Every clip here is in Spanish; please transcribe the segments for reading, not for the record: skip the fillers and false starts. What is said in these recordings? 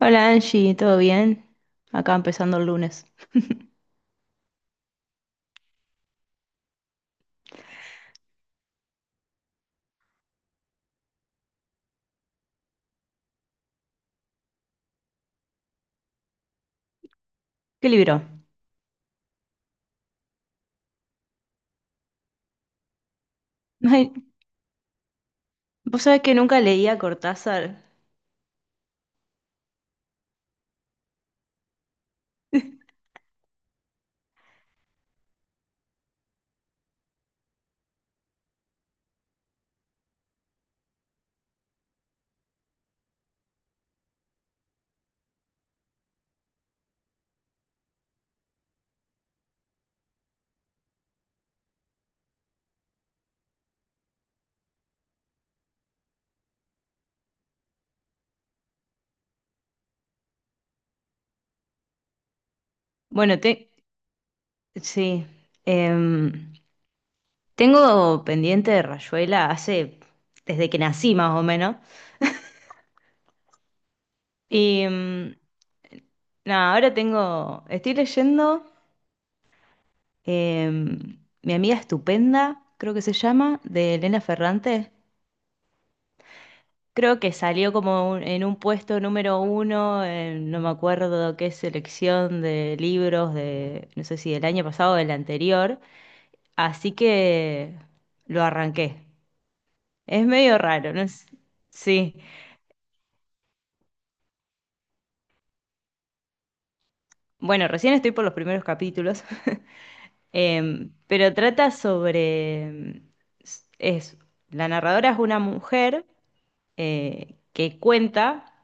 Hola Angie, ¿todo bien? Acá empezando el lunes. ¿Qué libro? Ay, vos sabés que nunca leía Cortázar. Bueno, sí. em, Tengo pendiente de Rayuela desde que nací más o menos. Y em, nada, ahora estoy leyendo Mi amiga estupenda, creo que se llama, de Elena Ferrante. Creo que salió como en un puesto número uno, no me acuerdo qué selección de libros de, no sé si del año pasado o del anterior, así que lo arranqué. Es medio raro, ¿no? Sí. Bueno, recién estoy por los primeros capítulos. Pero trata sobre, es, la narradora es una mujer que cuenta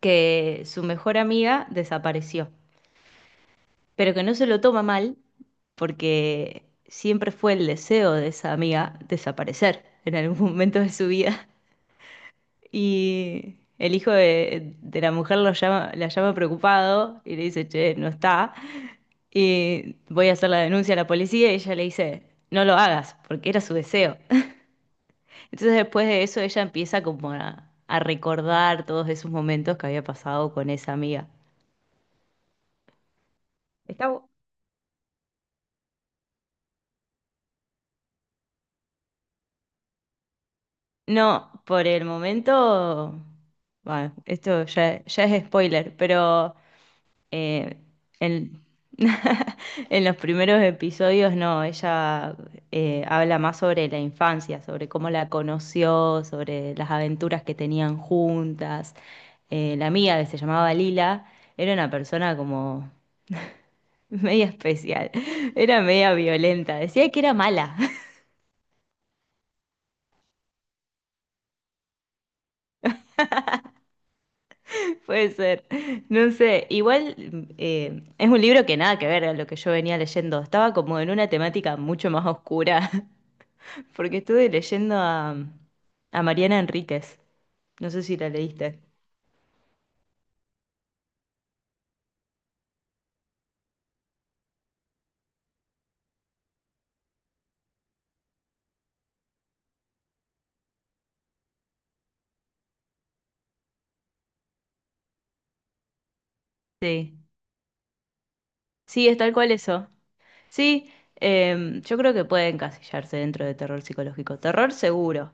que su mejor amiga desapareció, pero que no se lo toma mal porque siempre fue el deseo de esa amiga desaparecer en algún momento de su vida. Y el hijo de la mujer lo llama, la llama preocupado y le dice: che, no está. Y voy a hacer la denuncia a la policía, y ella le dice: no lo hagas, porque era su deseo. Entonces después de eso ella empieza como a recordar todos esos momentos que había pasado con esa amiga. Está, bu- No, por el momento, bueno, esto ya es spoiler, pero eh, en, en los primeros episodios no, ella habla más sobre la infancia, sobre cómo la conoció, sobre las aventuras que tenían juntas. La amiga, que se llamaba Lila, era una persona como media especial, era media violenta, decía que era mala. Puede ser, no sé. Igual es un libro que nada que ver a lo que yo venía leyendo, estaba como en una temática mucho más oscura, porque estuve leyendo a Mariana Enríquez, no sé si la leíste. Sí, sí, es tal cual eso. Sí, yo creo que puede encasillarse dentro de terror psicológico, terror seguro.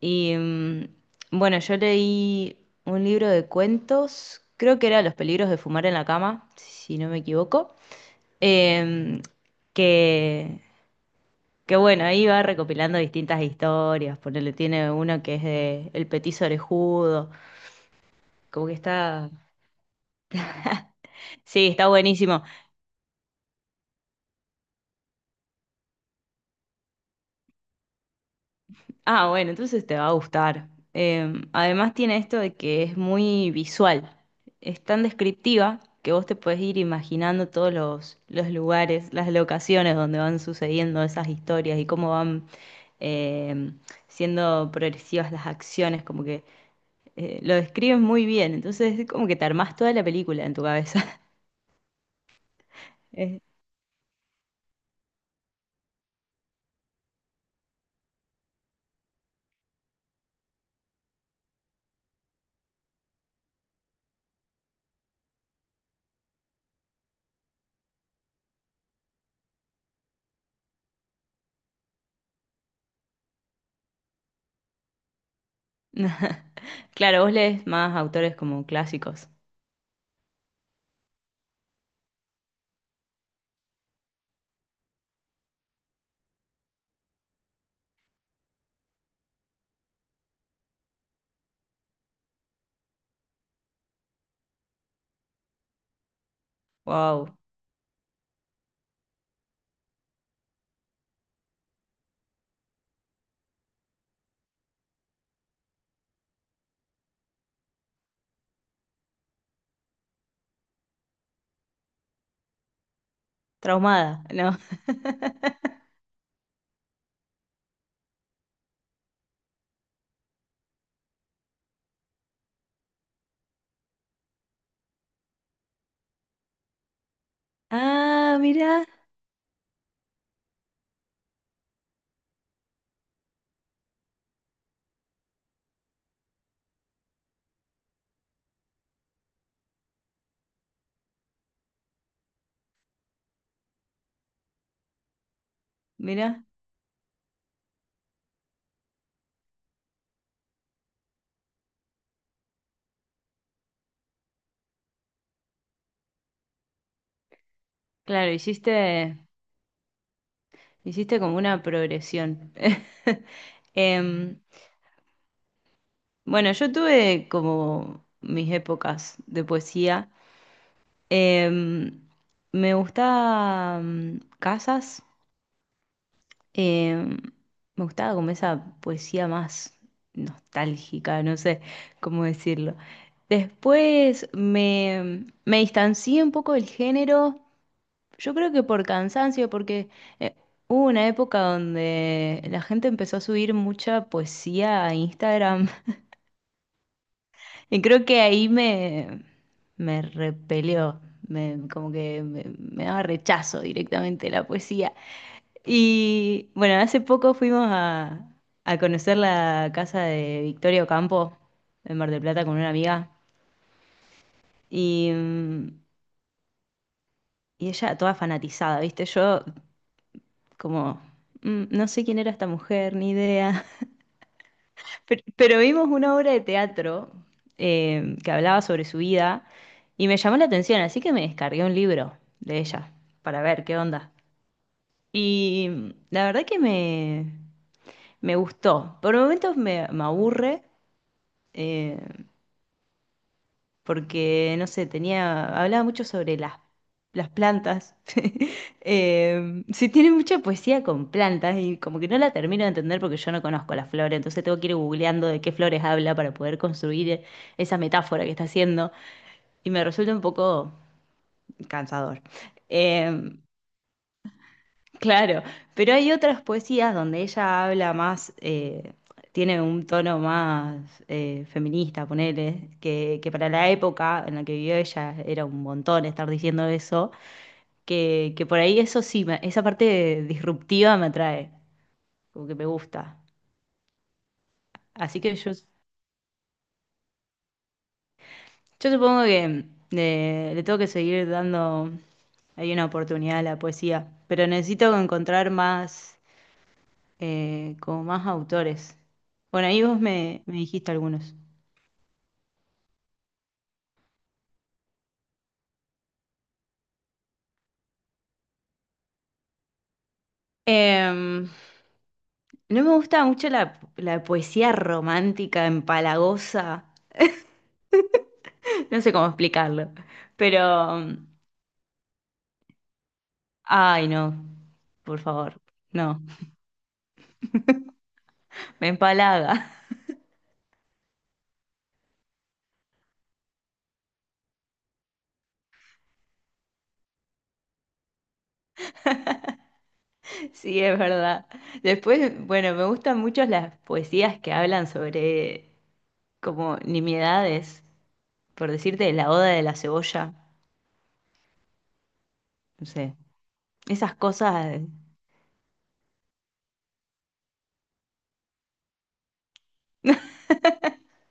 Y mm, bueno, yo leí un libro de cuentos, creo que era Los peligros de fumar en la cama, si no me equivoco. Em, que, que bueno, ahí va recopilando distintas historias, ponele, tiene uno que es de El Petiso Orejudo, como que está, sí, está buenísimo. Ah, bueno, entonces te va a gustar. Em, además tiene esto de que es muy visual, es tan descriptiva que vos te puedes ir imaginando todos los lugares, las locaciones donde van sucediendo esas historias y cómo em, siendo progresivas las acciones, como que lo describen muy bien, entonces es como que te armás toda la película en tu cabeza. Eh, Claro, vos lees más autores como clásicos. Wow, traumada, ¿no? Ah, mirá. Claro, hiciste como una progresión. Em, bueno, yo tuve como mis épocas de poesía. Em, Me gustaba mm, Casas. Em, Me gustaba como esa poesía más nostálgica, no sé cómo decirlo. Después me distancié un poco del género. Yo creo que por cansancio, porque eh, hubo una época donde la gente empezó a subir mucha poesía a Instagram, y creo que ahí me repelió, como que me daba rechazo directamente la poesía. Y bueno, hace poco fuimos a conocer la casa de Victoria Ocampo en Mar del Plata con una amiga y, mm, y ella toda fanatizada, ¿viste? Yo como, mm, no sé quién era esta mujer, ni idea. Pero vimos una obra de teatro que hablaba sobre su vida y me llamó la atención, así que me descargué un libro de ella para ver qué onda. Y mm, la verdad que me gustó. Por momentos me aburre. eh, Porque, no sé, tenía, hablaba mucho sobre las plantas. Sí, tiene mucha poesía con plantas, y como que no la termino de entender porque yo no conozco las flores, entonces tengo que ir googleando de qué flores habla para poder construir esa metáfora que está haciendo, y me resulta un poco cansador. Eh, Claro, pero hay otras poesías donde ella habla más, tiene un tono más feminista, ponele, que para la época en la que vivió, ella era un montón estar diciendo eso, que por ahí eso sí, me- esa parte disruptiva me atrae, como que me gusta. Así que yo supongo que le tengo que seguir dando ahí una oportunidad a la poesía, pero necesito encontrar más como más autores. Bueno, ahí vos me dijiste algunos. Em, no me gusta mucho la poesía romántica, empalagosa. No sé cómo explicarlo, pero... Ay, no, por favor, no, me empalaga. Sí, es verdad. Después, bueno, me gustan mucho las poesías que hablan sobre como nimiedades, por decirte, la oda de la cebolla, no sé, esas cosas.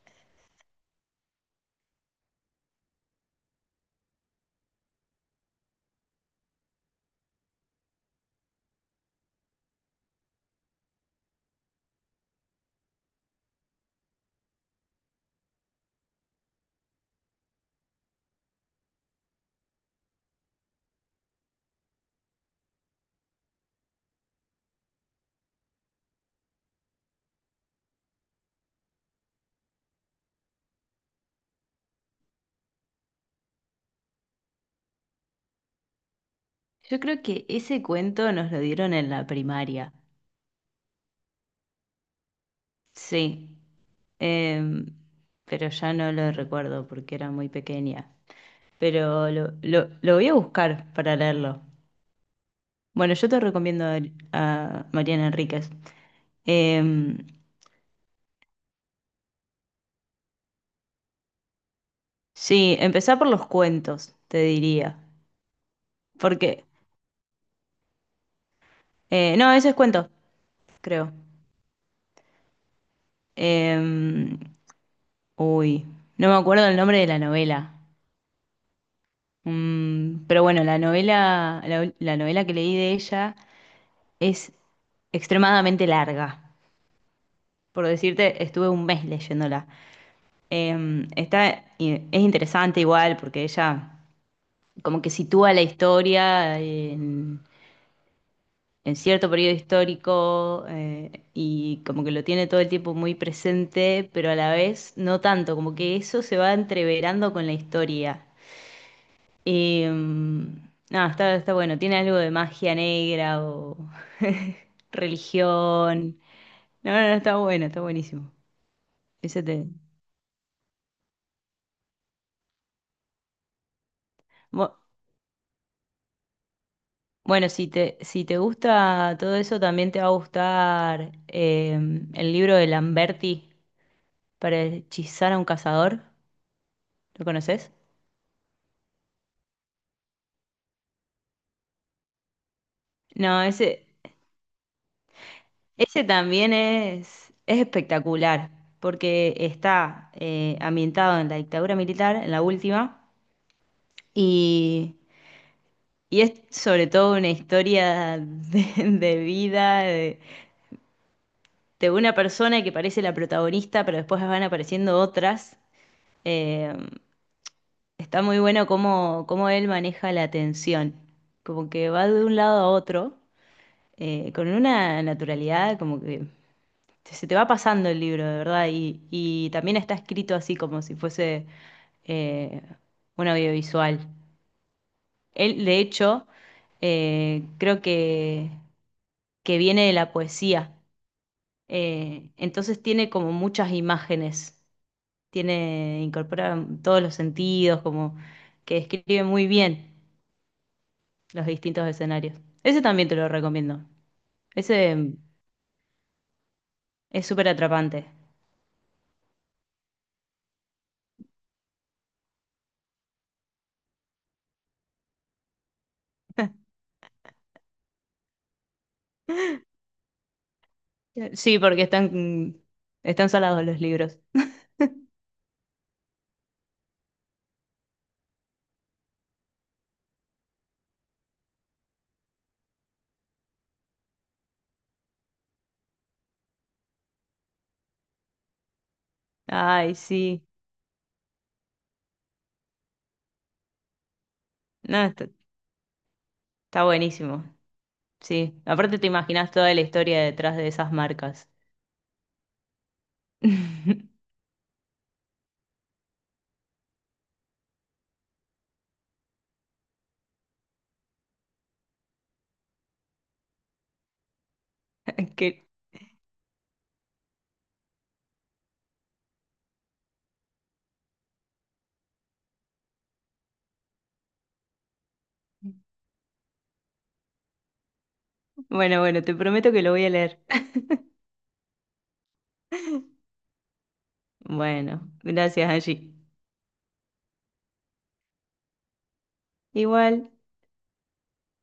Yo creo que ese cuento nos lo dieron en la primaria. Sí. Em, pero ya no lo recuerdo porque era muy pequeña. Pero lo voy a buscar para leerlo. Bueno, yo te recomiendo a Mariana Enríquez. Em, sí, empezá por los cuentos, te diría. Porque. No, ese es cuento, creo. Em, Uy, no me acuerdo el nombre de la novela. Mm, pero bueno, la novela, la novela que leí de ella es extremadamente larga. Por decirte, estuve un mes leyéndola. Está, y es interesante igual porque ella como que sitúa la historia en cierto periodo histórico, y como que lo tiene todo el tiempo muy presente, pero a la vez no tanto, como que eso se va entreverando con la historia. Y, mm, no, está, está bueno. Tiene algo de magia negra o religión. No, no, no, está bueno, está buenísimo. Ese te... Bu- Bueno, si te gusta todo eso, también te va a gustar el libro de Lamberti para hechizar a un cazador. ¿Lo conoces? No, ese también es espectacular, porque está ambientado en la dictadura militar, en la última, y y es sobre todo una historia de, de vida de una persona que parece la protagonista, pero después van apareciendo otras. Eh, Está muy bueno cómo, cómo él maneja la atención, como que va de un lado a otro, con una naturalidad, como que se te va pasando el libro, de verdad, y también está escrito así como si fuese eh, un audiovisual. Él, de hecho, creo que viene de la poesía. Entonces tiene como muchas imágenes, tiene, incorpora todos los sentidos, como que describe muy bien los distintos escenarios. Ese también te lo recomiendo. Ese mm, es súper atrapante. Sí, porque están, mm, están salados los libros. Ay, sí. No, está, está buenísimo. Sí. Aparte te imaginas toda la historia detrás de esas marcas. Que, bueno, te prometo que lo voy a leer. Bueno, gracias, Angie. Igual.